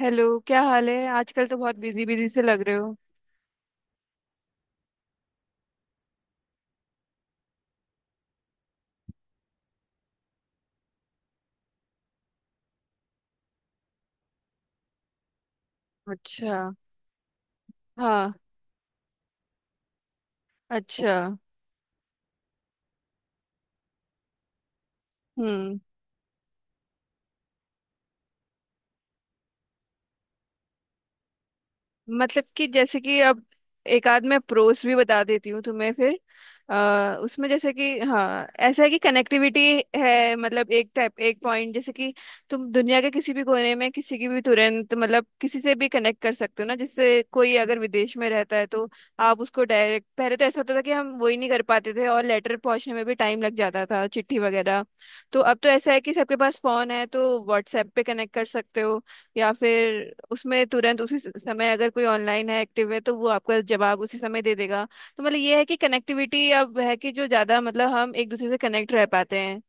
Hello, क्या हाल है। आजकल तो बहुत बिजी बिजी से लग रहे हो। अच्छा। हाँ। अच्छा। हम्म। मतलब कि जैसे कि अब एक आध मैं प्रोस भी बता देती हूँ तुम्हें फिर उसमें जैसे कि हाँ ऐसा है कि कनेक्टिविटी है। मतलब एक टाइप एक पॉइंट जैसे कि तुम दुनिया के किसी भी कोने में किसी की भी तुरंत मतलब किसी से भी कनेक्ट कर सकते हो ना, जिससे कोई अगर विदेश में रहता है तो आप उसको डायरेक्ट, पहले तो ऐसा होता था कि हम वही नहीं कर पाते थे और लेटर पहुंचने में भी टाइम लग जाता था, चिट्ठी वगैरह। तो अब तो ऐसा है कि सबके पास फोन है तो व्हाट्सएप पे कनेक्ट कर सकते हो या फिर उसमें तुरंत उसी समय अगर कोई ऑनलाइन है एक्टिव है तो वो आपका जवाब उसी समय दे देगा। तो मतलब ये है कि कनेक्टिविटी अब है कि जो ज्यादा मतलब हम एक दूसरे से कनेक्ट रह पाते हैं।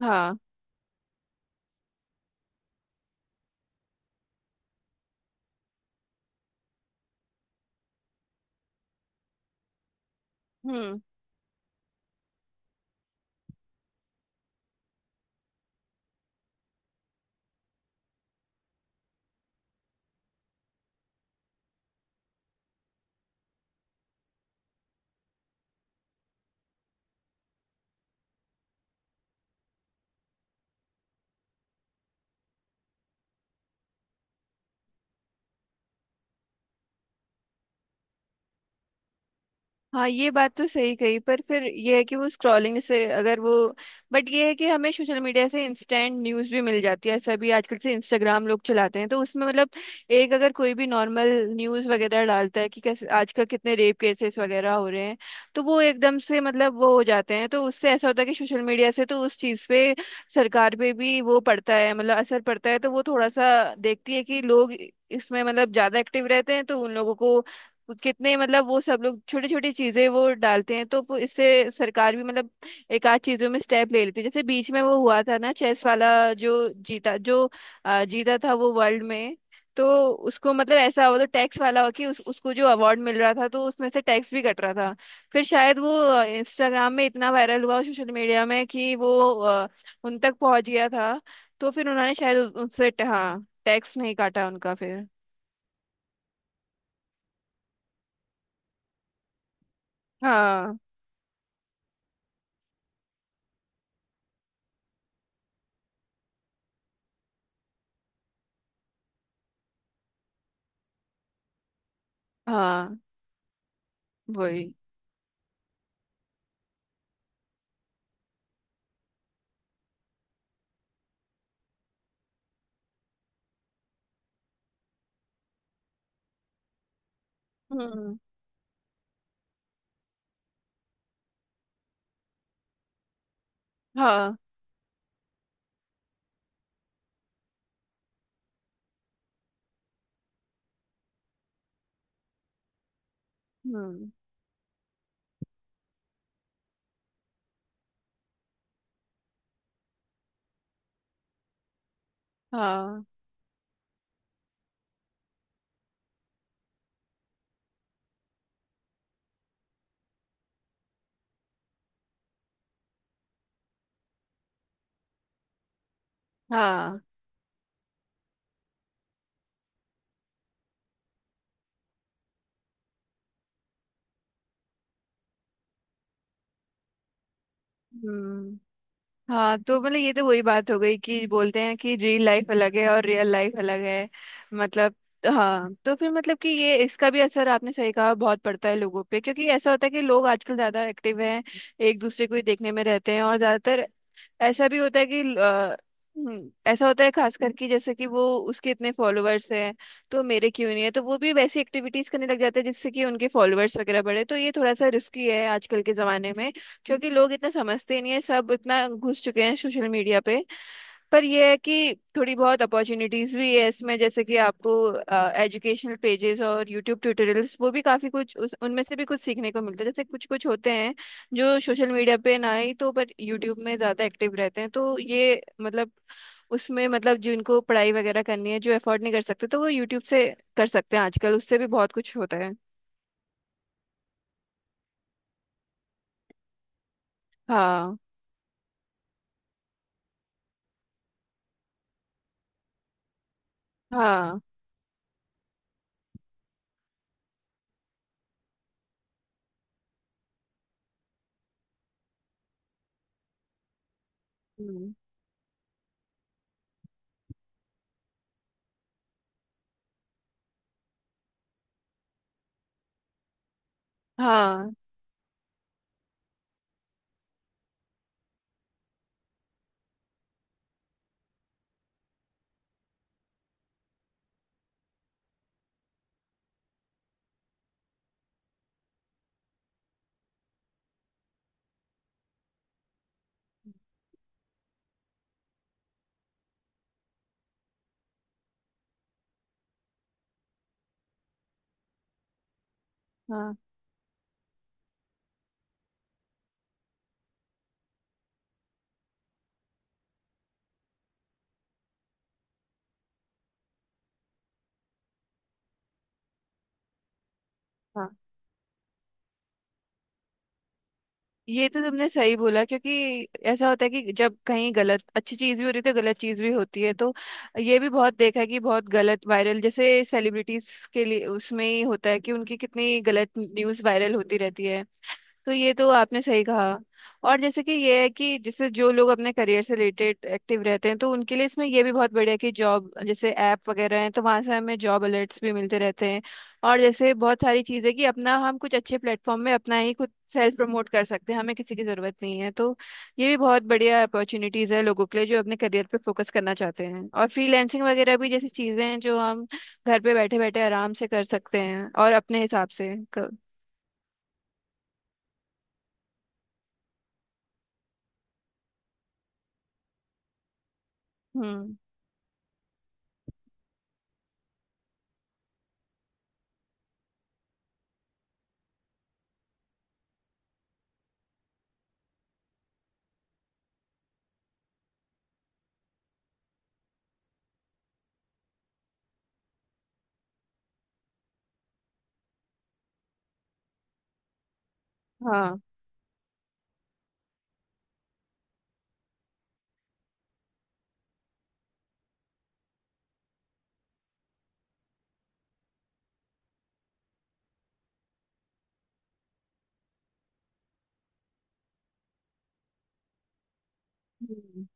हाँ। हम्म। हाँ, ये बात तो सही कही पर फिर ये है कि वो स्क्रॉलिंग से अगर वो बट ये है कि हमें सोशल मीडिया से इंस्टेंट न्यूज़ भी मिल जाती है, ऐसा भी आजकल से इंस्टाग्राम लोग चलाते हैं तो उसमें मतलब एक अगर कोई भी नॉर्मल न्यूज़ वगैरह डालता है कि कैसे आजकल कितने रेप केसेस वगैरह हो रहे हैं तो वो एकदम से मतलब वो हो जाते हैं। तो उससे ऐसा होता है कि सोशल मीडिया से तो उस चीज़ पे सरकार पे भी वो पड़ता है मतलब असर पड़ता है तो वो थोड़ा सा देखती है कि लोग इसमें मतलब ज़्यादा एक्टिव रहते हैं तो उन लोगों को कितने मतलब वो सब लोग छोटी छोटी चीजें वो डालते हैं तो वो इससे सरकार भी मतलब एक आध चीजों में स्टेप ले लेती है। जैसे बीच में वो हुआ था ना, चेस वाला जो जीता जो जीता था वो वर्ल्ड में। तो उसको मतलब ऐसा हुआ, तो टैक्स वाला हुआ कि उसको जो अवार्ड मिल रहा था तो उसमें से टैक्स भी कट रहा था। फिर शायद वो इंस्टाग्राम में इतना वायरल हुआ सोशल मीडिया में कि वो अ, उन तक पहुंच गया था। तो फिर उन्होंने शायद उनसे हाँ टैक्स नहीं काटा उनका फिर। हाँ हाँ। वही। हम्म। हाँ। हम्म। हाँ हाँ। हम्म। हाँ, तो मतलब ये तो वही बात हो गई कि बोलते हैं कि रियल लाइफ अलग है और रियल लाइफ अलग है। मतलब हाँ, तो फिर मतलब कि ये इसका भी असर आपने सही कहा बहुत पड़ता है लोगों पे क्योंकि ऐसा होता है कि लोग आजकल ज्यादा एक्टिव हैं, एक दूसरे को ही देखने में रहते हैं। और ज्यादातर ऐसा भी होता है कि ऐसा होता है खास करके जैसे कि वो उसके इतने फॉलोअर्स हैं तो मेरे क्यों नहीं है, तो वो भी वैसी एक्टिविटीज करने लग जाते हैं जिससे कि उनके फॉलोअर्स वगैरह बढ़े, तो ये थोड़ा सा रिस्की है आजकल के जमाने में क्योंकि लोग इतना समझते नहीं है, सब इतना घुस चुके हैं सोशल मीडिया पे। पर यह है कि थोड़ी बहुत अपॉर्चुनिटीज भी है इसमें, जैसे कि आपको एजुकेशनल पेजेस और यूट्यूब ट्यूटोरियल्स वो भी काफी कुछ उनमें से भी कुछ सीखने को मिलता है। जैसे कुछ कुछ होते हैं जो सोशल मीडिया पे ना ही तो पर यूट्यूब में ज्यादा एक्टिव रहते हैं तो ये मतलब उसमें मतलब जिनको पढ़ाई वगैरह करनी है जो अफोर्ड नहीं कर सकते तो वो यूट्यूब से कर सकते हैं, आजकल उससे भी बहुत कुछ होता है। हाँ। हाँ। हम्म। हाँ। हाँ। हाँ, ये तो तुमने सही बोला क्योंकि ऐसा होता है कि जब कहीं गलत अच्छी चीज भी हो रही है तो गलत चीज भी होती है, तो ये भी बहुत देखा है कि बहुत गलत वायरल जैसे सेलिब्रिटीज के लिए उसमें ही होता है कि उनकी कितनी गलत न्यूज वायरल होती रहती है। तो ये तो आपने सही कहा। और जैसे कि ये है कि जैसे जो लोग अपने करियर से रिलेटेड एक्टिव रहते हैं तो उनके लिए इसमें ये भी बहुत बढ़िया है कि जॉब जैसे ऐप वगैरह हैं तो वहाँ से हमें जॉब अलर्ट्स भी मिलते रहते हैं। और जैसे बहुत सारी चीज़ें कि अपना हम कुछ अच्छे प्लेटफॉर्म में अपना ही खुद सेल्फ प्रमोट कर सकते हैं, हमें किसी की ज़रूरत नहीं है। तो ये भी बहुत बढ़िया अपॉर्चुनिटीज़ है लोगों के लिए जो अपने करियर पे फोकस करना चाहते हैं, और फ्रीलैंसिंग वगैरह भी जैसी चीज़ें हैं जो हम घर पे बैठे बैठे आराम से कर सकते हैं और अपने हिसाब से कर। हम्म। हाँ। हम्म।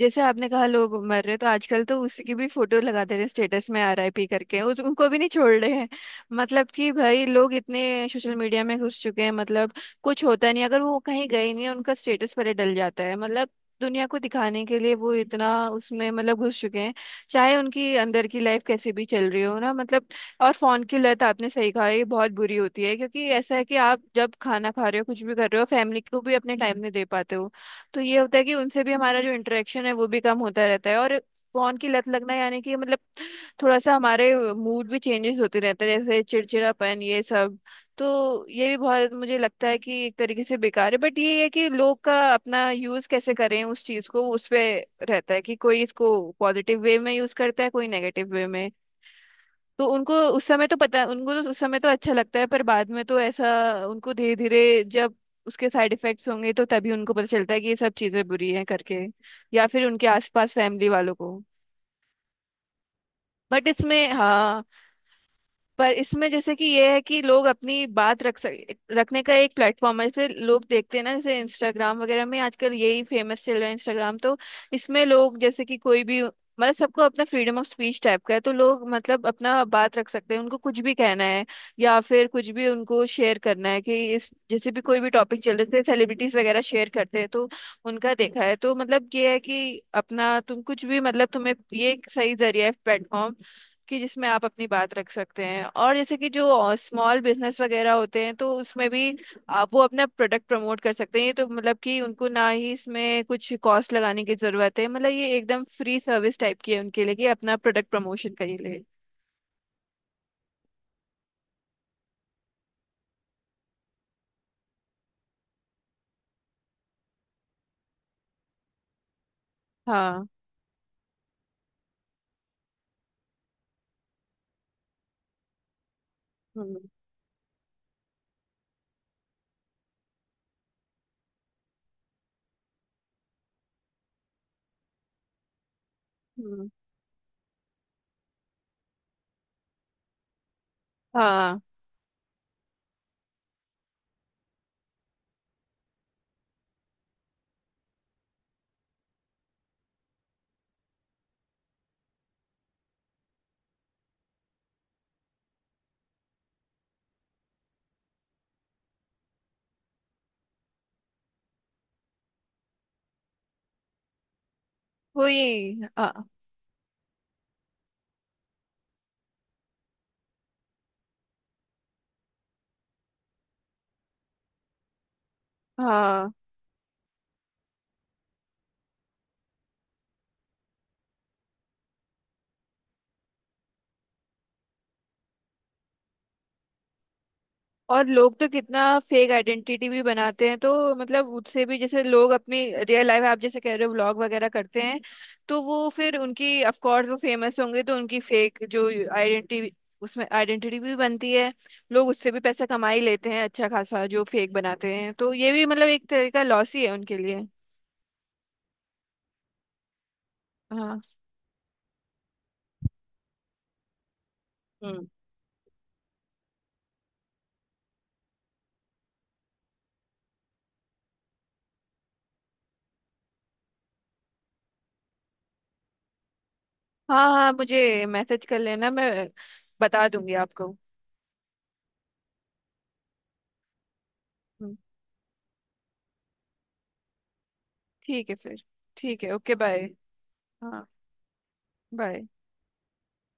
जैसे आपने कहा लोग मर रहे, तो आजकल तो उसी की भी फोटो लगा दे रहे हैं स्टेटस में आरआईपी करके, उनको भी नहीं छोड़ रहे हैं। मतलब कि भाई लोग इतने सोशल मीडिया में घुस चुके हैं, मतलब कुछ होता नहीं, अगर वो कहीं गए नहीं उनका स्टेटस पर ही डल जाता है। मतलब दुनिया को दिखाने के लिए वो इतना उसमें मतलब घुस चुके हैं, चाहे उनकी अंदर की लाइफ कैसे भी चल रही हो ना मतलब। और फोन की लत, आपने सही कहा, ये बहुत बुरी होती है क्योंकि ऐसा है कि आप जब खाना खा रहे हो कुछ भी कर रहे हो, फैमिली को भी अपने टाइम नहीं दे पाते हो। तो ये होता है कि उनसे भी हमारा जो इंटरेक्शन है वो भी कम होता रहता है। और फोन की लत लगना यानी कि मतलब थोड़ा सा हमारे मूड भी चेंजेस होते रहते हैं जैसे चिड़चिड़ापन ये सब। तो ये भी बहुत मुझे लगता है कि एक तरीके से बेकार है, बट ये है कि लोग का अपना यूज कैसे करें उस चीज को, उस पे रहता है कि कोई इसको पॉजिटिव वे में यूज करता है कोई नेगेटिव वे में। तो उनको उस समय तो पता, उनको तो उस समय तो अच्छा लगता है पर बाद में तो ऐसा उनको धीरे धीरे जब उसके साइड इफेक्ट्स होंगे तो तभी उनको पता चलता है कि ये सब चीजें बुरी हैं करके, या फिर उनके आसपास फैमिली वालों को। बट इसमें हाँ, पर इसमें जैसे कि ये है कि लोग अपनी बात रख सक रखने का एक प्लेटफॉर्म है, जैसे लोग देखते हैं ना जैसे इंस्टाग्राम वगैरह में आजकल यही फेमस चल रहा है इंस्टाग्राम। तो इसमें लोग जैसे कि कोई भी मतलब सबको अपना फ्रीडम ऑफ स्पीच टाइप का है तो लोग मतलब अपना बात रख सकते हैं, उनको कुछ भी कहना है या फिर कुछ भी उनको शेयर करना है कि इस जैसे भी कोई भी टॉपिक चल रहे थे सेलिब्रिटीज वगैरह शेयर करते हैं तो उनका देखा है। तो मतलब ये है कि अपना तुम कुछ भी, मतलब तुम्हें ये एक सही जरिया है प्लेटफॉर्म कि जिसमें आप अपनी बात रख सकते हैं। और जैसे कि जो स्मॉल बिजनेस वगैरह होते हैं तो उसमें भी आप वो अपना प्रोडक्ट प्रमोट कर सकते हैं, ये तो मतलब कि उनको ना ही इसमें कुछ कॉस्ट लगाने की जरूरत है, मतलब ये एकदम फ्री सर्विस टाइप की है उनके लिए कि अपना प्रोडक्ट प्रमोशन करिए लिए। हाँ। हम्म। हम्म। हाँ। वही। हाँ। हाँ, और लोग तो कितना फेक आइडेंटिटी भी बनाते हैं तो मतलब उससे भी जैसे लोग अपनी रियल लाइफ आप जैसे कह रहे हो व्लॉग वगैरह करते हैं, तो वो फिर उनकी ऑफ कोर्स वो फेमस होंगे तो उनकी फेक जो आइडेंटिटी, उसमें आइडेंटिटी भी बनती है। लोग उससे भी पैसा कमा ही लेते हैं अच्छा खासा, जो फेक बनाते हैं, तो ये भी मतलब एक तरह का लॉस ही है उनके लिए। हाँ। हम्म। हाँ। हाँ मुझे मैसेज कर लेना, मैं बता दूंगी आपको। हम्म। ठीक है फिर। ठीक है। Okay bye. हाँ। बाय।